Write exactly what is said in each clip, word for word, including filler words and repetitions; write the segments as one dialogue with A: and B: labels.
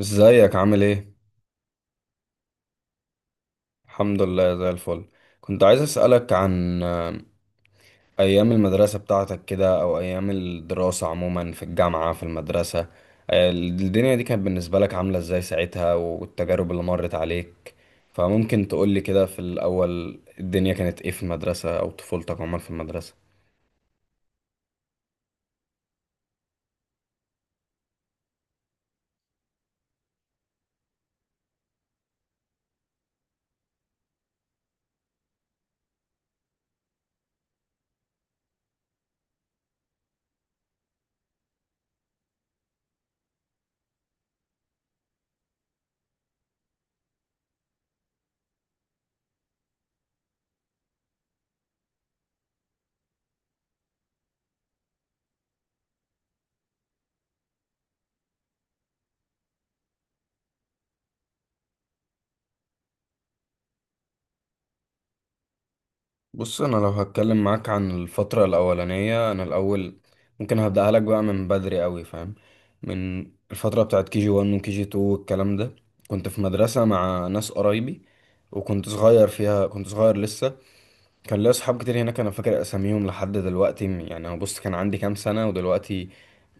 A: ازيك عامل ايه؟ الحمد لله زي الفل. كنت عايز اسألك عن آه، ايام المدرسة بتاعتك كده او ايام الدراسة عموما في الجامعة في المدرسة. آه، الدنيا دي كانت بالنسبة لك عاملة ازاي ساعتها والتجارب اللي مرت عليك. فممكن تقولي كده في الاول الدنيا كانت ايه في المدرسة او طفولتك عموما في المدرسة. بص انا لو هتكلم معاك عن الفترة الاولانية انا الاول ممكن هبدأها لك بقى من بدري قوي، فاهم؟ من الفترة بتاعت كي جي واحد وكي جي اتنين والكلام ده كنت في مدرسة مع ناس قرايبي، وكنت صغير فيها، كنت صغير لسه. كان ليا صحاب كتير هناك، انا فاكر اساميهم لحد دلوقتي. م- يعني انا بص كان عندي كام سنه، ودلوقتي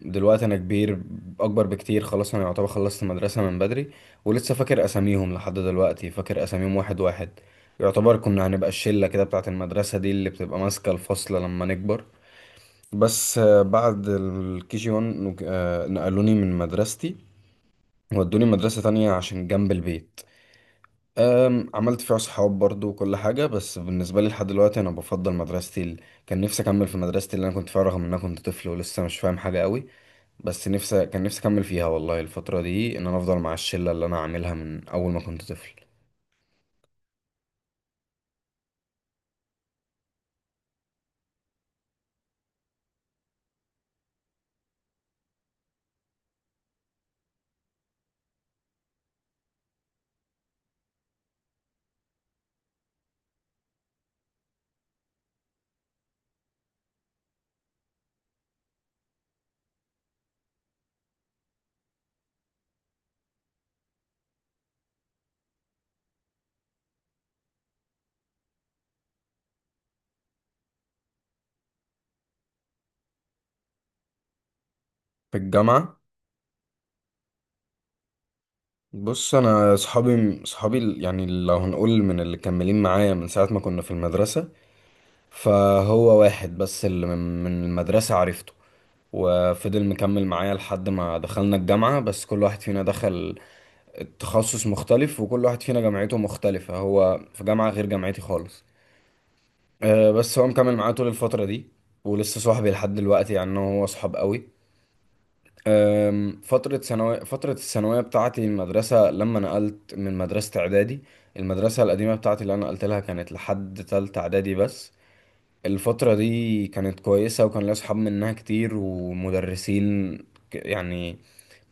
A: دلوقتي انا كبير، اكبر بكتير. خلاص انا يعتبر خلصت مدرسه من بدري، ولسه فاكر اساميهم لحد دلوقتي، فاكر اساميهم واحد واحد. يعتبر كنا هنبقى الشله كده بتاعه المدرسه دي اللي بتبقى ماسكه الفصل لما نكبر. بس آه، بعد الكي جي واحد نقلوني من مدرستي ودوني مدرسه تانية عشان جنب البيت. أم، عملت فيها صحاب برضو وكل حاجة، بس بالنسبة لي لحد دلوقتي أنا بفضل مدرستي ال... كان نفسي أكمل في مدرستي اللي أنا كنت فيها، رغم إن أنا كنت طفل ولسه مش فاهم حاجة قوي. بس نفسي، كان نفسي أكمل فيها والله الفترة دي، إن أنا أفضل مع الشلة اللي أنا عاملها من أول ما كنت طفل. في الجامعة. بص أنا صحابي، صحابي ال- يعني لو هنقول من اللي كملين معايا من ساعة ما كنا في المدرسة، فهو واحد بس اللي من من المدرسة عرفته وفضل مكمل معايا لحد ما دخلنا الجامعة. بس كل واحد فينا دخل التخصص مختلف، وكل واحد فينا جامعته مختلفة، هو في جامعة غير جامعتي خالص. أه بس هو مكمل معايا طول الفترة دي، ولسه صاحبي لحد دلوقتي، يعني أنا وهو صحاب قوي. أم، فترة ثانوية فترة الثانوية بتاعتي، المدرسة لما نقلت من مدرسة إعدادي، المدرسة القديمة بتاعتي اللي أنا نقلت لها كانت لحد تالتة إعدادي بس. الفترة دي كانت كويسة وكان ليا صحاب منها كتير ومدرسين، ك- يعني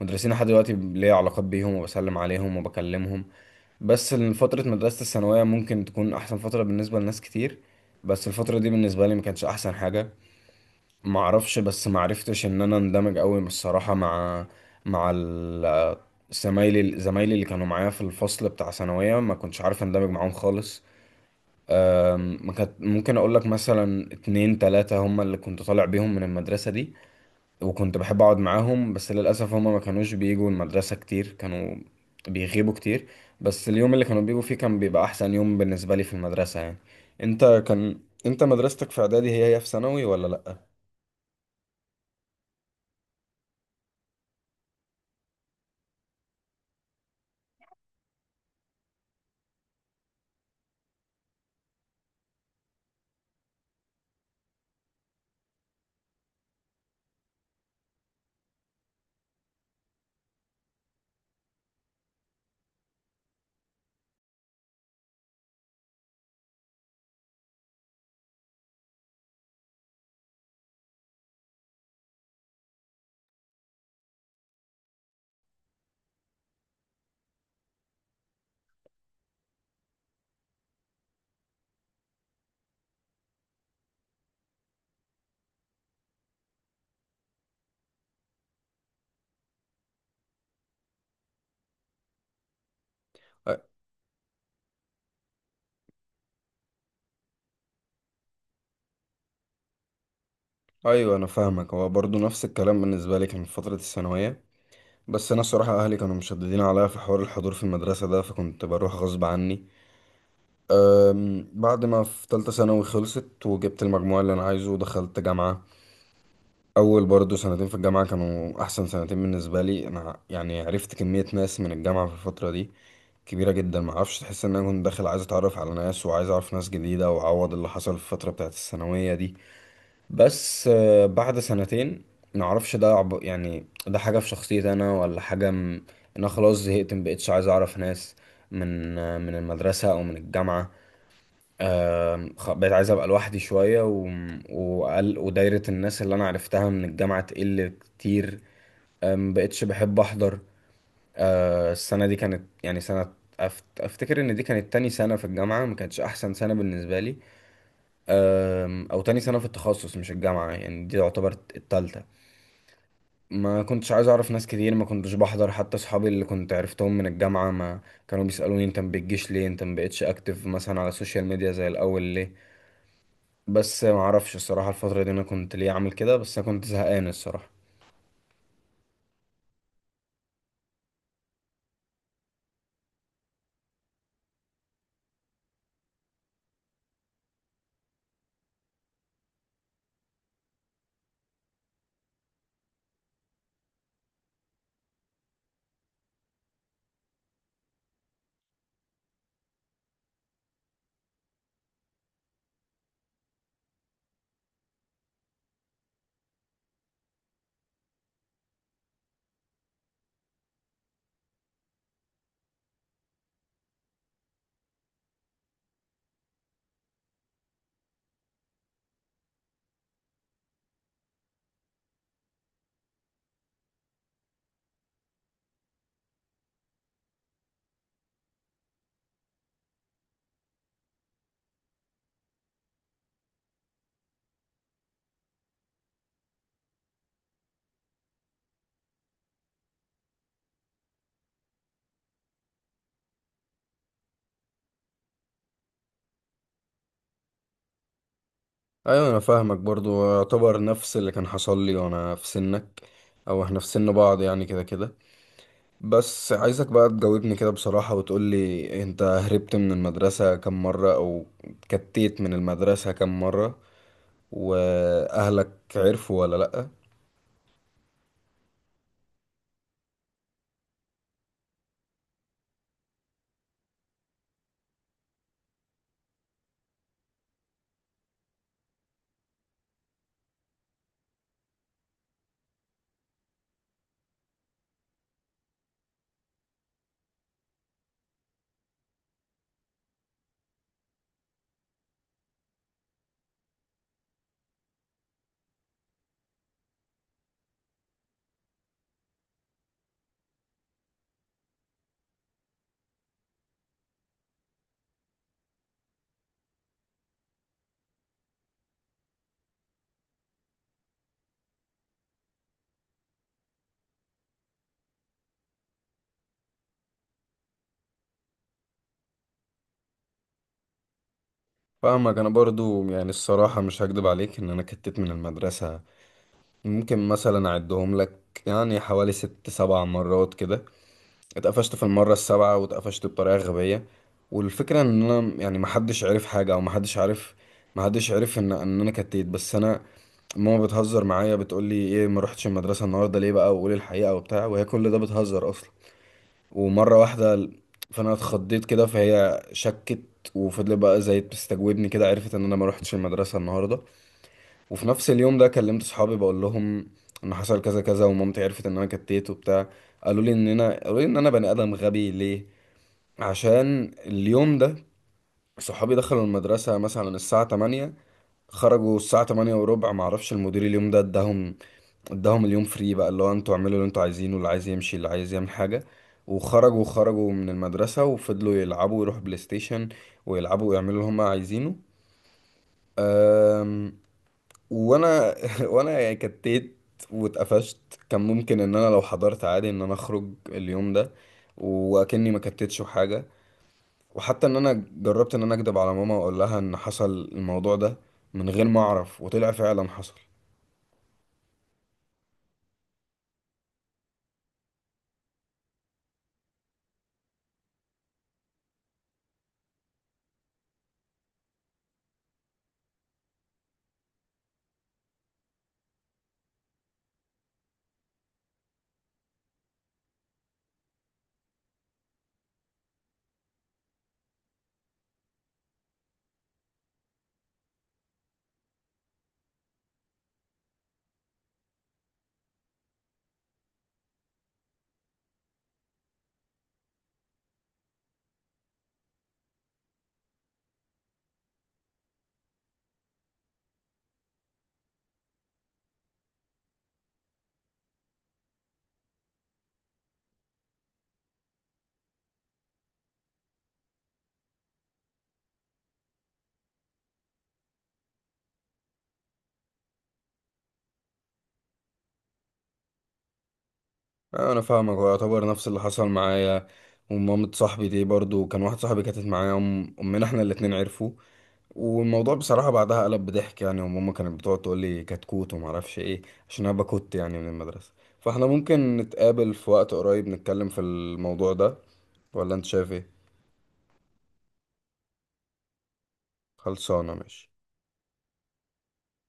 A: مدرسين لحد دلوقتي ليا علاقات بيهم وبسلم عليهم وبكلمهم. بس إن فترة مدرسة الثانوية ممكن تكون أحسن فترة بالنسبة لناس كتير، بس الفترة دي بالنسبة لي ما كانتش أحسن حاجة. معرفش، بس معرفتش إن أنا اندمج أوي الصراحة مع مع ال- زمايلي، زمايلي اللي كانوا معايا في الفصل بتاع ثانوية، ما كنتش عارف اندمج معاهم خالص. أم، ما كانت، ممكن أقول لك مثلا اتنين تلاتة هما اللي كنت طالع بيهم من المدرسة دي، وكنت بحب اقعد معاهم، بس للاسف هما ما كانوش بيجوا المدرسه كتير، كانوا بيغيبوا كتير. بس اليوم اللي كانوا بيجوا فيه كان بيبقى احسن يوم بالنسبه لي في المدرسه يعني. انت كان انت مدرستك في اعدادي هي هي في ثانوي ولا لا؟ أ- ايوه انا فاهمك، هو برضو نفس الكلام بالنسبه لي كان في فتره الثانويه. بس انا الصراحه اهلي كانوا مشددين عليا في حوار الحضور في المدرسه ده، فكنت بروح غصب عني. أم، بعد ما في تالتة ثانوي خلصت وجبت المجموع اللي انا عايزه ودخلت جامعه. اول برضه سنتين في الجامعه كانوا احسن سنتين بالنسبه لي انا، يعني عرفت كميه ناس من الجامعه في الفتره دي كبيره جدا. ما اعرفش، تحس ان انا كنت داخل عايز اتعرف على ناس، وعايز اعرف ناس جديده، واعوض اللي حصل في الفتره بتاعت الثانويه دي. بس آه، بعد سنتين ما اعرفش ده عب... يعني ده حاجه في شخصيتي انا، ولا حاجه م... إن انا خلاص زهقت، ما بقتش عايز اعرف ناس من آه، من المدرسه او من الجامعه. آم، خ- بقيت عايز ابقى لوحدي شويه، و... وقل... ودايره الناس اللي انا عرفتها من الجامعه تقل كتير. آم، بقيتش بحب احضر. آه، السنه دي كانت يعني سنه، أفت... افتكر ان دي كانت تاني سنه في الجامعه، ما كانتش احسن سنه بالنسبه لي. آم، او تاني سنه في التخصص مش الجامعه، يعني دي تعتبر التالتة. ما كنتش عايز اعرف ناس كتير، ما كنتش بحضر حتى اصحابي اللي كنت عرفتهم من الجامعه. ما كانوا بيسالوني انت ما بتجيش ليه، انت ما بقتش اكتف مثلا على السوشيال ميديا زي الاول ليه. بس ما اعرفش الصراحه الفتره دي انا كنت ليه عامل كده، بس انا كنت زهقان الصراحه. ايوه انا فاهمك، برضو يعتبر نفس اللي كان حصل لي وانا في سنك، او احنا في سن بعض يعني كده كده. بس عايزك بقى تجاوبني كده بصراحه وتقول لي، انت هربت من المدرسه كم مره، او كتيت من المدرسه كم مره، واهلك عرفوا ولا لا؟ فاهمك. انا برضو يعني الصراحه مش هكدب عليك، ان انا كتيت من المدرسه ممكن مثلا اعدهم لك، يعني حوالي ست سبع مرات كده. اتقفشت في المرة السابعة، واتقفشت بطريقة غبية. والفكرة ان انا يعني محدش عرف حاجة، او محدش عارف، محدش عرف ان ان انا كتيت. بس انا ماما بتهزر معايا، بتقولي ايه ما رحتش المدرسة النهاردة ليه بقى، وقولي الحقيقة وبتاع، وهي كل ده بتهزر اصلا. ومرة واحدة فانا اتخضيت كده، فهي شكت وفضلت بقى زي بتستجوبني كده، عرفت ان انا ما رحتش المدرسة النهاردة. وفي نفس اليوم ده كلمت صحابي بقول لهم ان حصل كذا كذا، ومامتي عرفت ان انا كتيت وبتاع. قالوا لي ان انا قالوا لي ان انا بني ادم غبي ليه. عشان اليوم ده صحابي دخلوا المدرسة مثلا الساعة تمانية، خرجوا الساعة تمانية وربع، معرفش المدير اليوم ده اداهم اداهم اليوم فري بقى، اللي هو انتوا اعملوا اللي انتوا عايزينه، اللي عايز يمشي، اللي عايز يعمل حاجة. وخرجوا، خرجوا من المدرسة، وفضلوا يلعبوا ويروحوا بلاي ستيشن، ويلعبوا ويعملوا اللي هم عايزينه. أم... وانا وانا يعني كتيت واتقفشت. كان ممكن ان انا لو حضرت عادي، ان انا اخرج اليوم ده واكني ما كتتش حاجة. وحتى ان انا جربت ان انا اكدب على ماما واقول لها ان حصل الموضوع ده من غير ما اعرف، وطلع فعلا حصل. انا فاهمك، هو يعتبر نفس اللي حصل معايا. ومامة صاحبي دي برضو، كان واحد صاحبي كانت معايا، أم- امنا احنا الاتنين عرفوا. والموضوع بصراحة بعدها قلب بضحك يعني، وماما كانت بتقعد تقول لي كتكوت وما اعرفش ايه، عشان انا بكت يعني من المدرسة. فاحنا ممكن نتقابل في وقت قريب نتكلم في الموضوع ده، ولا انت شايف ايه؟ خلصانة ماشي.